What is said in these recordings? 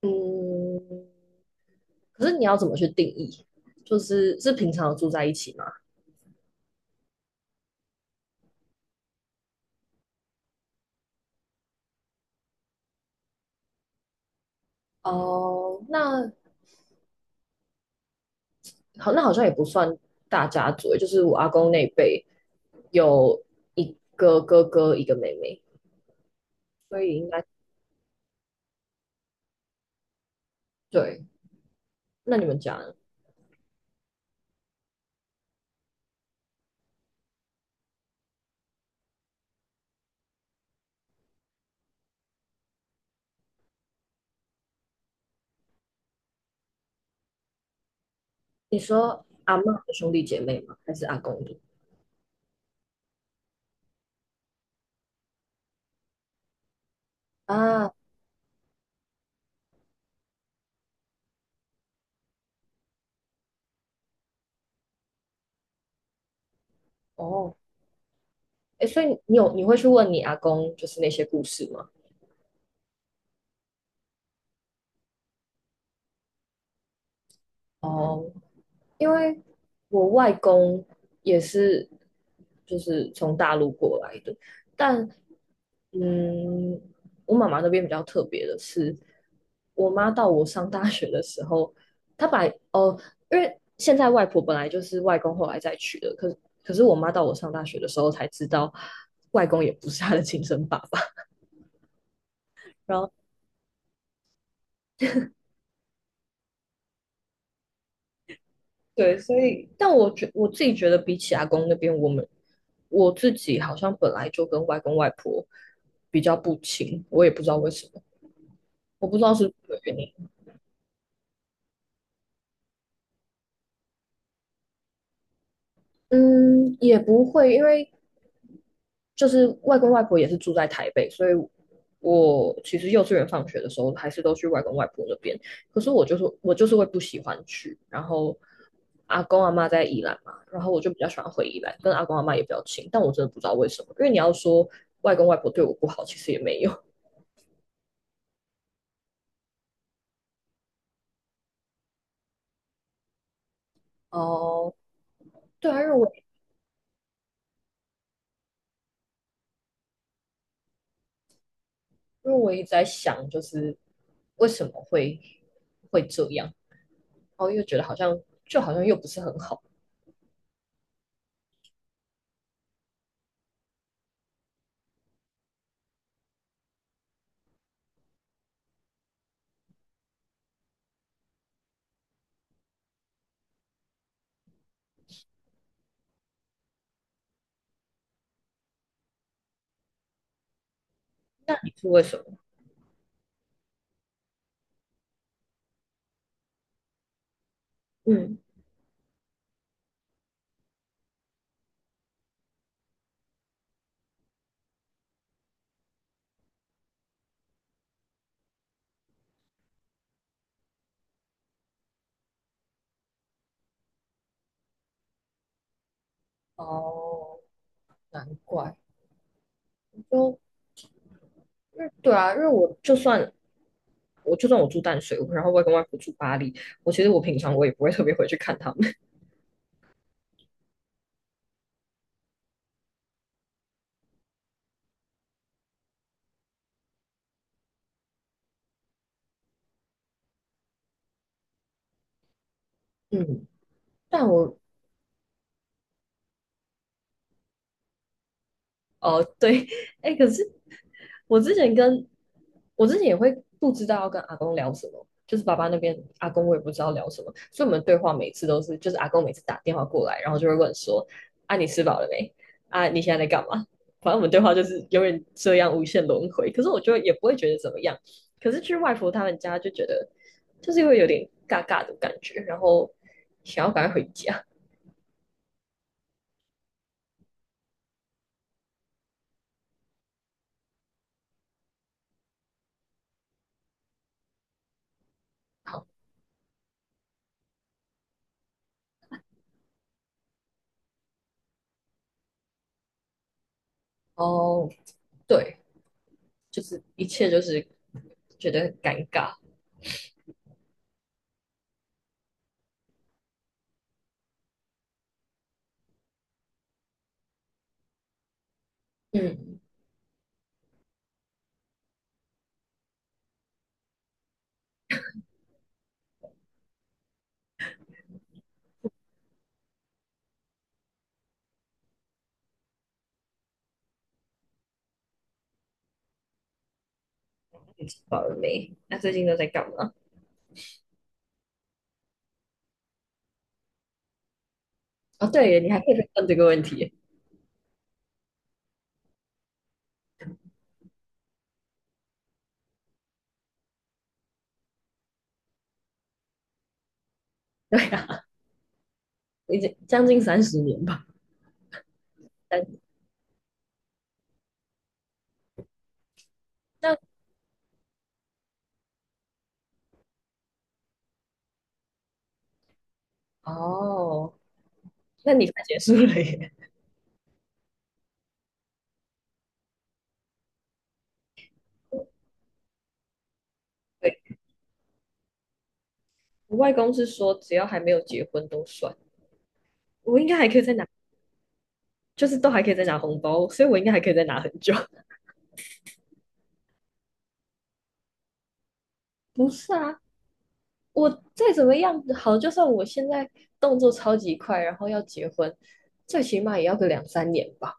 嗯，可是你要怎么去定义？就是是平常有住在一起吗？哦，那好，那好像也不算大家族欸，就是我阿公那一辈有一个哥哥，一个妹妹，所以应该对。那你们家呢？你说阿嬷的兄弟姐妹吗？还是阿公的？啊，哦，哎，所以你会去问你阿公就是那些故事吗？哦，因为我外公也是，就是从大陆过来的，但嗯，我妈妈那边比较特别的是，我妈到我上大学的时候，她把哦，因为现在外婆本来就是外公后来再娶的，可是我妈到我上大学的时候才知道，外公也不是她的亲生爸爸。然后。对，所以，但我自己觉得，比起阿公那边，我自己好像本来就跟外公外婆比较不亲，我也不知道为什么，我不知道是不是这个原因。嗯，也不会，因为就是外公外婆也是住在台北，所以我其实幼稚园放学的时候还是都去外公外婆那边。可是我就是会不喜欢去，然后阿公阿妈在宜兰嘛，然后我就比较喜欢回宜兰，跟阿公阿妈也比较亲。但我真的不知道为什么，因为你要说外公外婆对我不好，其实也没有。哦，呃对啊，因为因为我一直在想，就是为什么会这样，然后又觉得好像好像又不是很好。那你是为什么？嗯，哦，难怪，就因为对啊，因为我就算我住淡水，然后外公外婆住巴黎，我其实我平常我也不会特别回去看他们。嗯，但我哦，对，哎，可是我之前跟我之前也会不知道要跟阿公聊什么，就是爸爸那边阿公我也不知道聊什么，所以我们对话每次都是，就是阿公每次打电话过来，然后就会问说：“啊，你吃饱了没？啊，你现在在干嘛？”反正我们对话就是永远这样无限轮回。可是我就也不会觉得怎么样，可是去外婆他们家就觉得就是因为有点尬尬的感觉，然后想要赶快回家。好，哦，对，就是一切就是觉得很尴尬。嗯，你吃饱了没？那最近都在干嘛？哦，对耶你还可以再问这个问题。对啊，已经将近30年吧。但但哦，那你快结束了耶。对，我外公是说，只要还没有结婚都算。我应该还可以再拿，就是都还可以再拿红包，所以我应该还可以再拿很久。不是啊，我再怎么样好，就算我现在动作超级快，然后要结婚，最起码也要个两三年吧，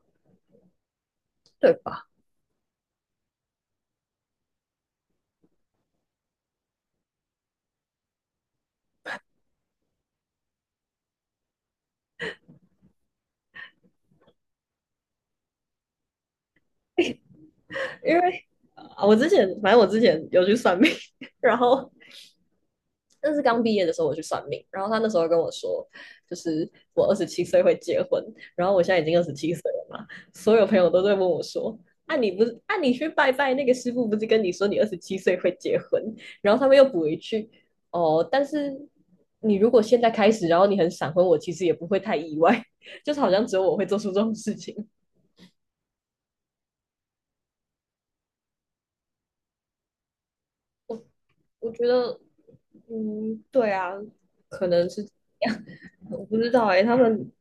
对吧？因为啊，我之前反正我之前有去算命，然后那是刚毕业的时候我去算命，然后他那时候跟我说，就是我二十七岁会结婚，然后我现在已经二十七岁了嘛，所有朋友都在问我说。啊，你不是啊？你去拜拜那个师傅不是跟你说你二十七岁会结婚？然后他们又补一句，哦，但是你如果现在开始，然后你很闪婚，我其实也不会太意外，就是好像只有我会做出这种事情。我觉得，嗯，对啊，可能是这样，我不知道哎、他们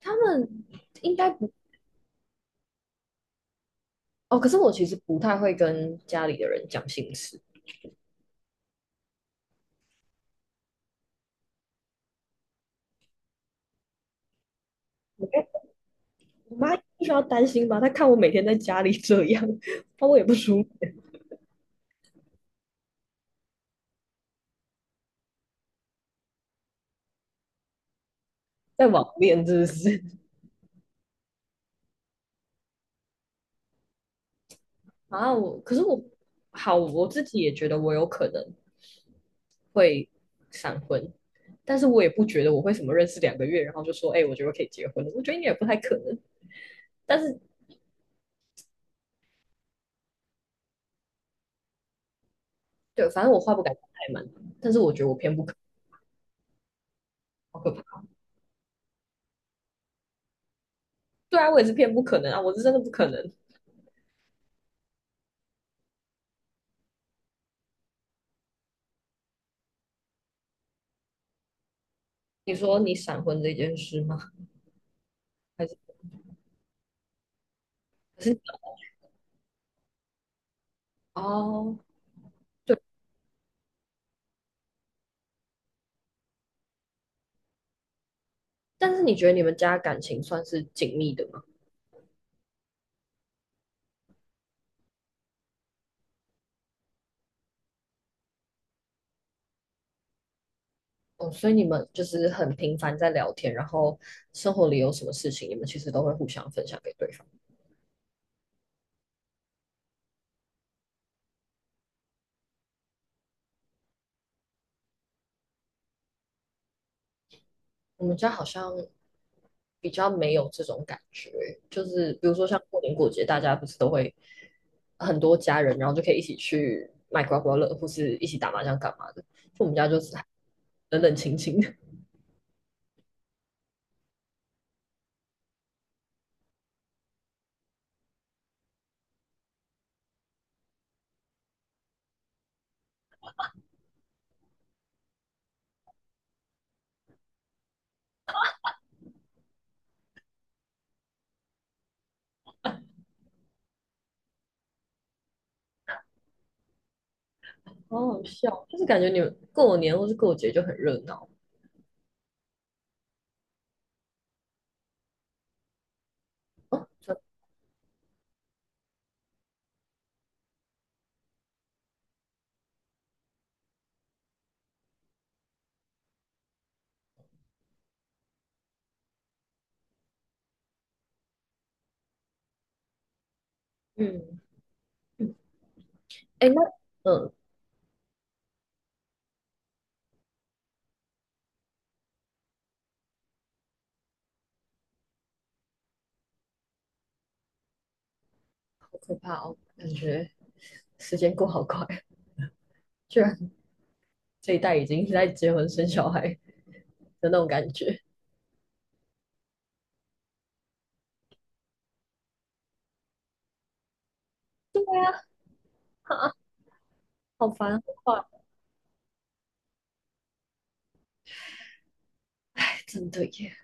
他们应该不哦，可是我其实不太会跟家里的人讲心事。我觉得我妈不需要担心吧？她看我每天在家里这样，她我也不舒服，在网恋真的是？啊，我可是我好，我自己也觉得我有可能会闪婚，但是我也不觉得我会什么认识2个月，然后就说，哎、我觉得可以结婚了。我觉得应该也不太可能。但是对，反正我话不敢讲太满，但是我觉得我偏不可能，好可怕。对啊，我也是偏不可能啊，我是真的不可能。你说你闪婚这件事吗？还是还是哦，对，但是你觉得你们家感情算是紧密的吗？哦，所以你们就是很频繁在聊天，然后生活里有什么事情，你们其实都会互相分享给对方。我们家好像比较没有这种感觉，就是比如说像过年过节，大家不是都会很多家人，然后就可以一起去买刮刮乐，或是一起打麻将干嘛的。就我们家就是冷冷清清的，好好笑，就是感觉你们过年或是过节就很热闹哦。真的嗯嗯，哎，那嗯，好可怕哦，感觉时间过好快，居然这一代已经在结婚生小孩的那种感觉，哈好烦，好快，真的耶。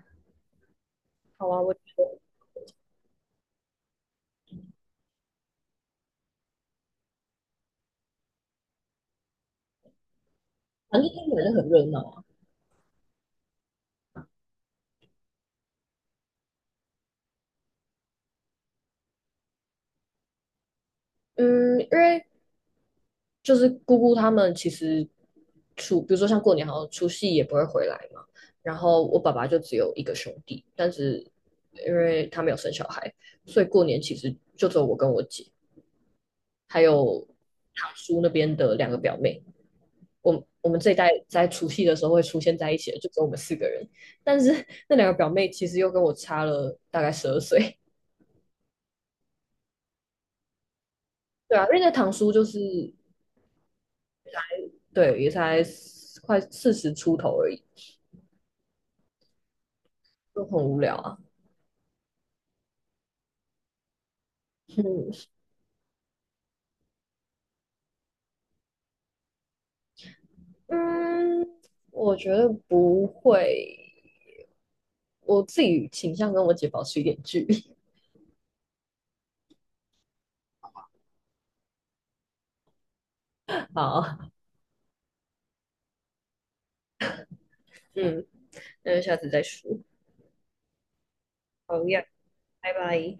好啊，我觉得反正听起来就很热闹啊。嗯，因为就是姑姑他们其实比如说像过年，好像除夕也不会回来嘛。然后我爸爸就只有一个兄弟，但是因为他没有生小孩，所以过年其实就只有我跟我姐，还有堂叔那边的两个表妹。我们这一代在除夕的时候会出现在一起的，就只有我们四个人。但是 那两个表妹其实又跟我差了大概12岁，对啊，因为那堂叔就是对，也才快40出头而已，就很无聊啊。嗯，嗯，我觉得不会，我自己倾向跟我姐保持一点距离。好，嗯，那就下次再说。好呀，拜拜。